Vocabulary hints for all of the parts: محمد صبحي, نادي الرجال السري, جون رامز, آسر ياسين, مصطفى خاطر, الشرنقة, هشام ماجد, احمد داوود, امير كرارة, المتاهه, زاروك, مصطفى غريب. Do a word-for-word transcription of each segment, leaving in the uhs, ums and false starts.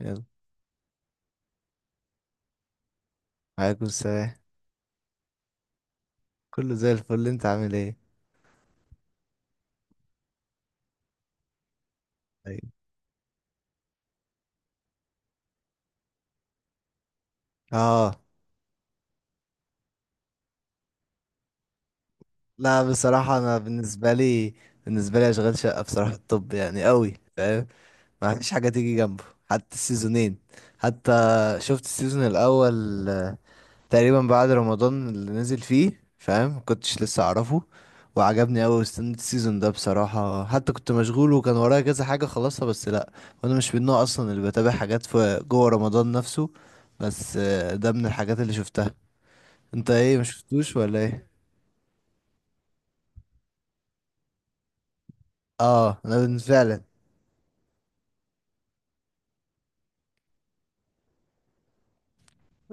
يلا. عليكم السلام. كله زي الفل، انت عامل ايه؟ طيب. اه، لا بصراحة انا بالنسبة لي، بالنسبة لي اشغال شقة بصراحة الطب يعني قوي، فاهم؟ ما فيش حاجة تيجي جنبه حتى السيزونين. حتى شفت السيزون الاول تقريبا بعد رمضان اللي نزل فيه، فاهم؟ كنتش لسه اعرفه وعجبني قوي، واستنيت السيزون ده بصراحة. حتى كنت مشغول وكان ورايا كذا حاجة خلصها، بس لا. وانا مش من النوع اصلا اللي بتابع حاجات في جوه رمضان نفسه، بس آه، ده من الحاجات اللي شفتها. انت ايه، مشفتوش ولا ايه؟ اه، انا بن- فعلا.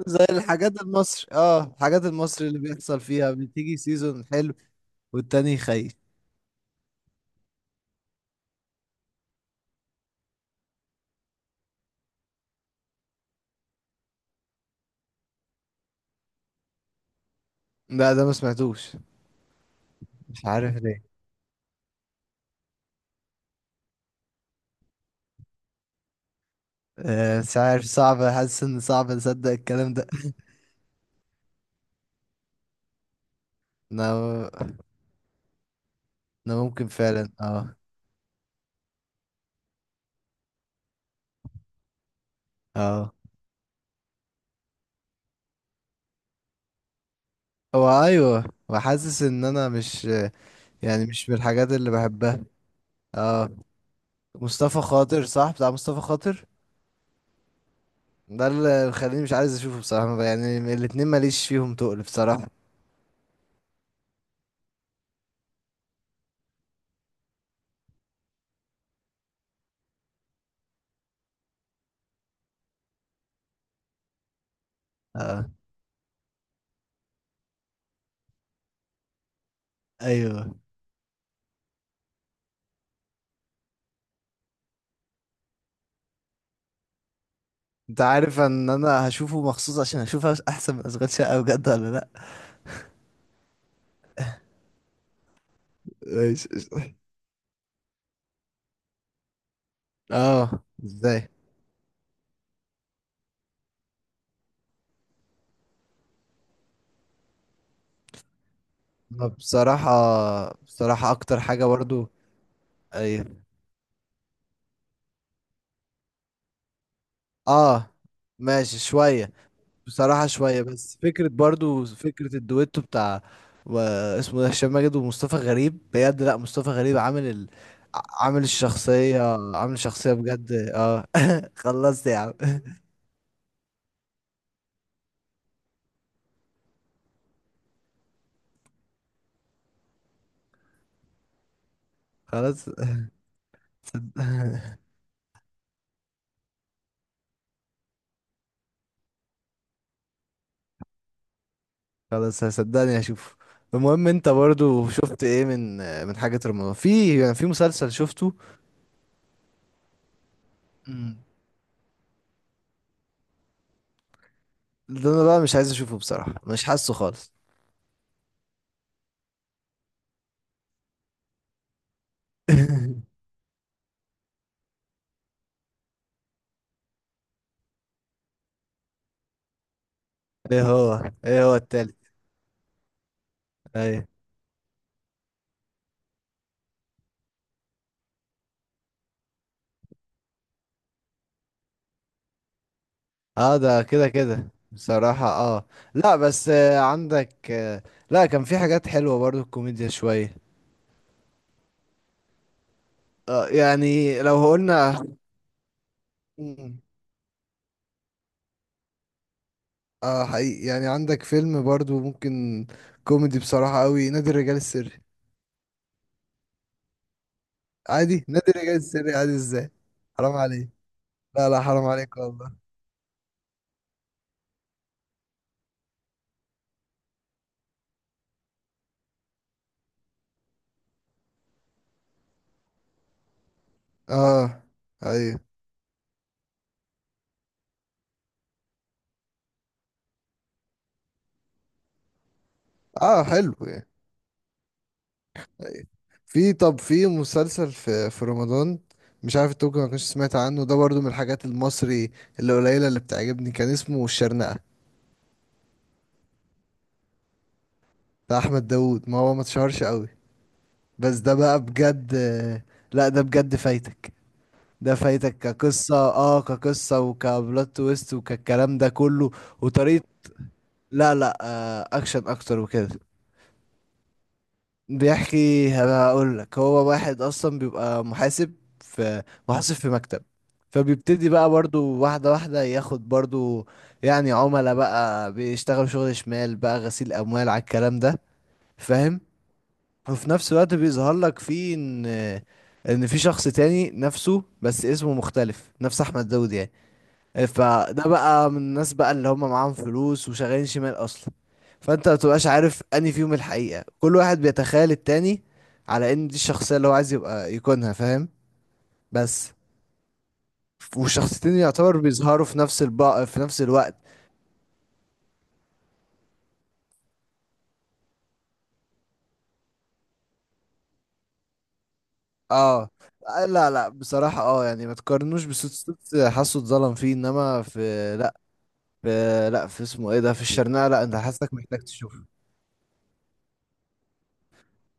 زي الحاجات المصري، اه الحاجات المصري اللي بيحصل فيها بتيجي سيزون حلو والتاني خايف. لا ده ما سمعتوش، مش عارف ليه. آه، مش عارف، صعب، حاسس ان صعب اصدق الكلام ده. انا انا ممكن فعلا، اه. اه هو ايوه، وحاسس ان انا مش يعني مش من الحاجات اللي بحبها. اه مصطفى خاطر صح، بتاع مصطفى خاطر؟ ده اللي مخليني مش عايز اشوفه بصراحة، يعني الاتنين ماليش فيهم تقل بصراحة. اه. ايوه. انت عارف ان انا هشوفه مخصوص عشان اشوف احسن من اشغال شقة بجد ولا لا؟ ماشي، قشطة. اه ازاي؟ ما بصراحة، بصراحة اكتر حاجة برضو. ايوه. اه. ماشي، شوية. بصراحة شوية، بس فكرة برضو، فكرة الدويتو بتاع و- اسمه ده هشام ماجد ومصطفى غريب، بجد. لا مصطفى غريب عامل ال... ع- عامل الشخصية، عامل شخصية بجد، اه خلصت يا عم. خلاص هصد- خلاص، هصدقني هشوف. المهم انت برضو شفت ايه من من حاجة رمضان؟ في يعني في مسلسل شفته؟ مم. ده انا بقى مش عايز اشوفه بصراحة، مش حاسه خالص ايه هو، ايه هو التالت؟ ايوه. اه ده كده كده بصراحة، اه. لا بس آه، عندك آه، لا كان في حاجات حلوة برضو، الكوميديا شوية. آه يعني لو قلنا. مم. اه حقيقي، يعني عندك فيلم برضو ممكن كوميدي بصراحة قوي، نادي الرجال السري. عادي؟ نادي الرجال السري عادي ازاي؟ حرام عليك. لا لا حرام عليك والله. اه. ايوه. اه حلو يعني. في، طب في مسلسل في في رمضان، مش عارف انت ممكن ما كنتش سمعت عنه، ده برضو من الحاجات المصري اللي قليلة اللي بتعجبني، كان اسمه الشرنقة بتاع احمد داوود. ما هو ما اتشهرش قوي، بس ده بقى بجد. لا ده بجد فايتك، ده فايتك كقصة، اه كقصة وكبلوت تويست وكالكلام ده كله، وطريقة. لا لا آه اكشن اكتر وكده. بيحكي، هقول لك، هو واحد اصلا بيبقى محاسب في، محاسب في مكتب. فبيبتدي بقى برضو واحدة واحدة ياخد برضو يعني عملاء بقى، بيشتغل شغل شمال بقى، غسيل اموال على الكلام ده، فاهم؟ وفي نفس الوقت بيظهر لك فيه ان ان في شخص تاني نفسه بس اسمه مختلف، نفس احمد داود يعني. إيه، فده بقى من الناس بقى اللي هم معاهم فلوس وشغالين شمال اصلا. فانت ما بتبقاش عارف انهي فيهم الحقيقة، كل واحد بيتخيل التاني على ان دي الشخصية اللي هو عايز يبقى يكونها، فاهم؟ بس والشخصيتين يعتبر بيظهروا في نفس البق في نفس الوقت. اه. لا لا بصراحة، اه يعني ما تقارنوش بصوت، صوت حاسه اتظلم فيه، انما في لا في لا في اسمه ايه ده، في الشرنقة، لا انت حاسك محتاج تشوفه.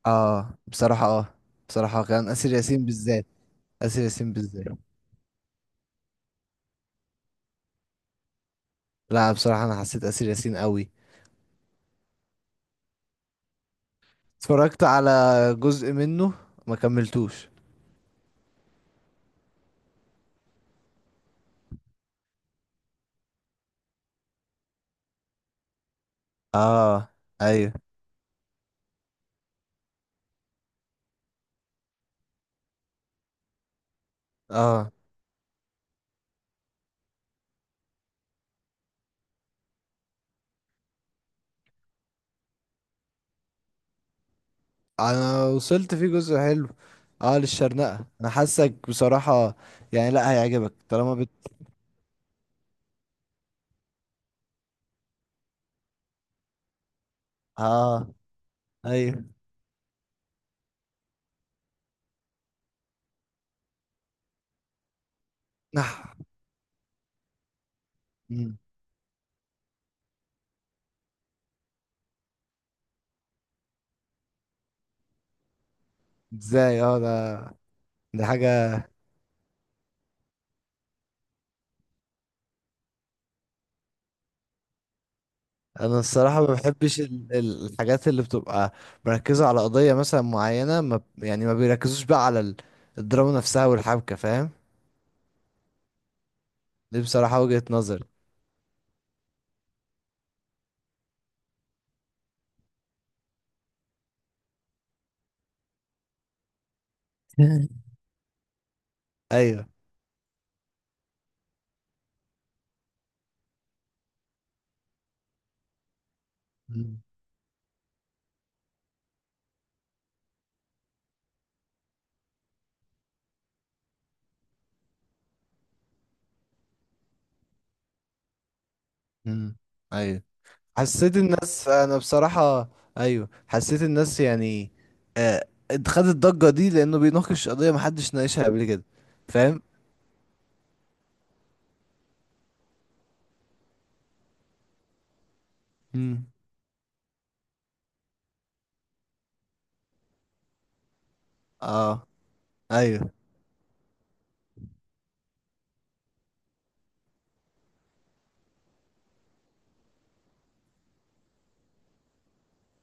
اه بصراحة، اه. بصراحة كان آسر ياسين بالذات، آسر ياسين بالذات. لا بصراحة أنا حسيت آسر ياسين قوي. اتفرجت على جزء منه، ما كملتوش. اه. ايوه. اه انا وصلت فيه جزء حلو، اه للشرنقة. انا حاسك بصراحة يعني، لا هيعجبك طالما بت. اه. ايوه. نح. مم. ازاي، اه ده دي حاجة. انا الصراحة ما بحبش ال- ال- الحاجات اللي بتبقى مركزة على قضية مثلا معينة، ما ب- يعني ما بيركزوش بقى على ال- الدراما نفسها والحبكة، فاهم؟ دي بصراحة وجهة نظر ايوه. مم. مم. ايوه حسيت الناس، انا بصراحة، ايوه حسيت الناس يعني، آه، خدت الضجة دي لانه بيناقش قضية محدش ناقشها قبل كده، فاهم؟ مم. اه. ايوه.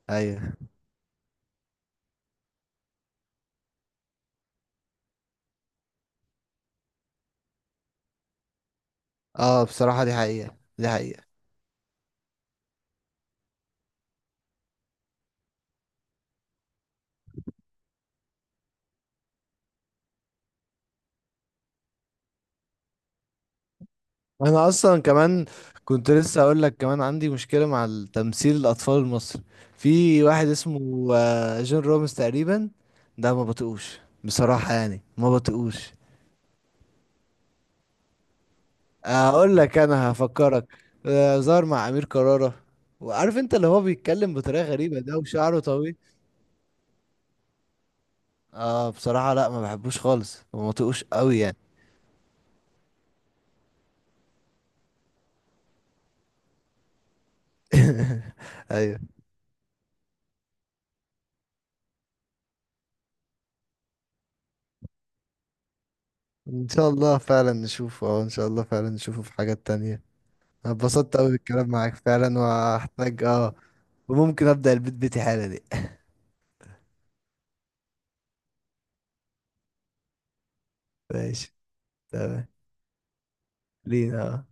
ايوه. اه بصراحة دي حقيقة، دي حقيقة. انا اصلا كمان كنت لسه اقول لك، كمان عندي مشكلة مع تمثيل الاطفال المصري. في واحد اسمه آه جون رامز تقريبا، ده ما بطيقوش بصراحة يعني، ما بطيقوش. اقول لك انا هفكرك، آه، ظهر مع امير كرارة. وعارف انت اللي هو بيتكلم بطريقه غريبه ده وشعره طويل. اه بصراحه لا ما بحبوش خالص، وما طيقوش قوي يعني. ايوه ان شاء الله فعلا نشوفه، اه ان شاء الله فعلا نشوفه في حاجات تانية. أنا اتبسطت قوي بالكلام معاك فعلا، وهحتاج اه وممكن ابدا البيت بيتي حالا دي ماشي، تمام. لينا آه.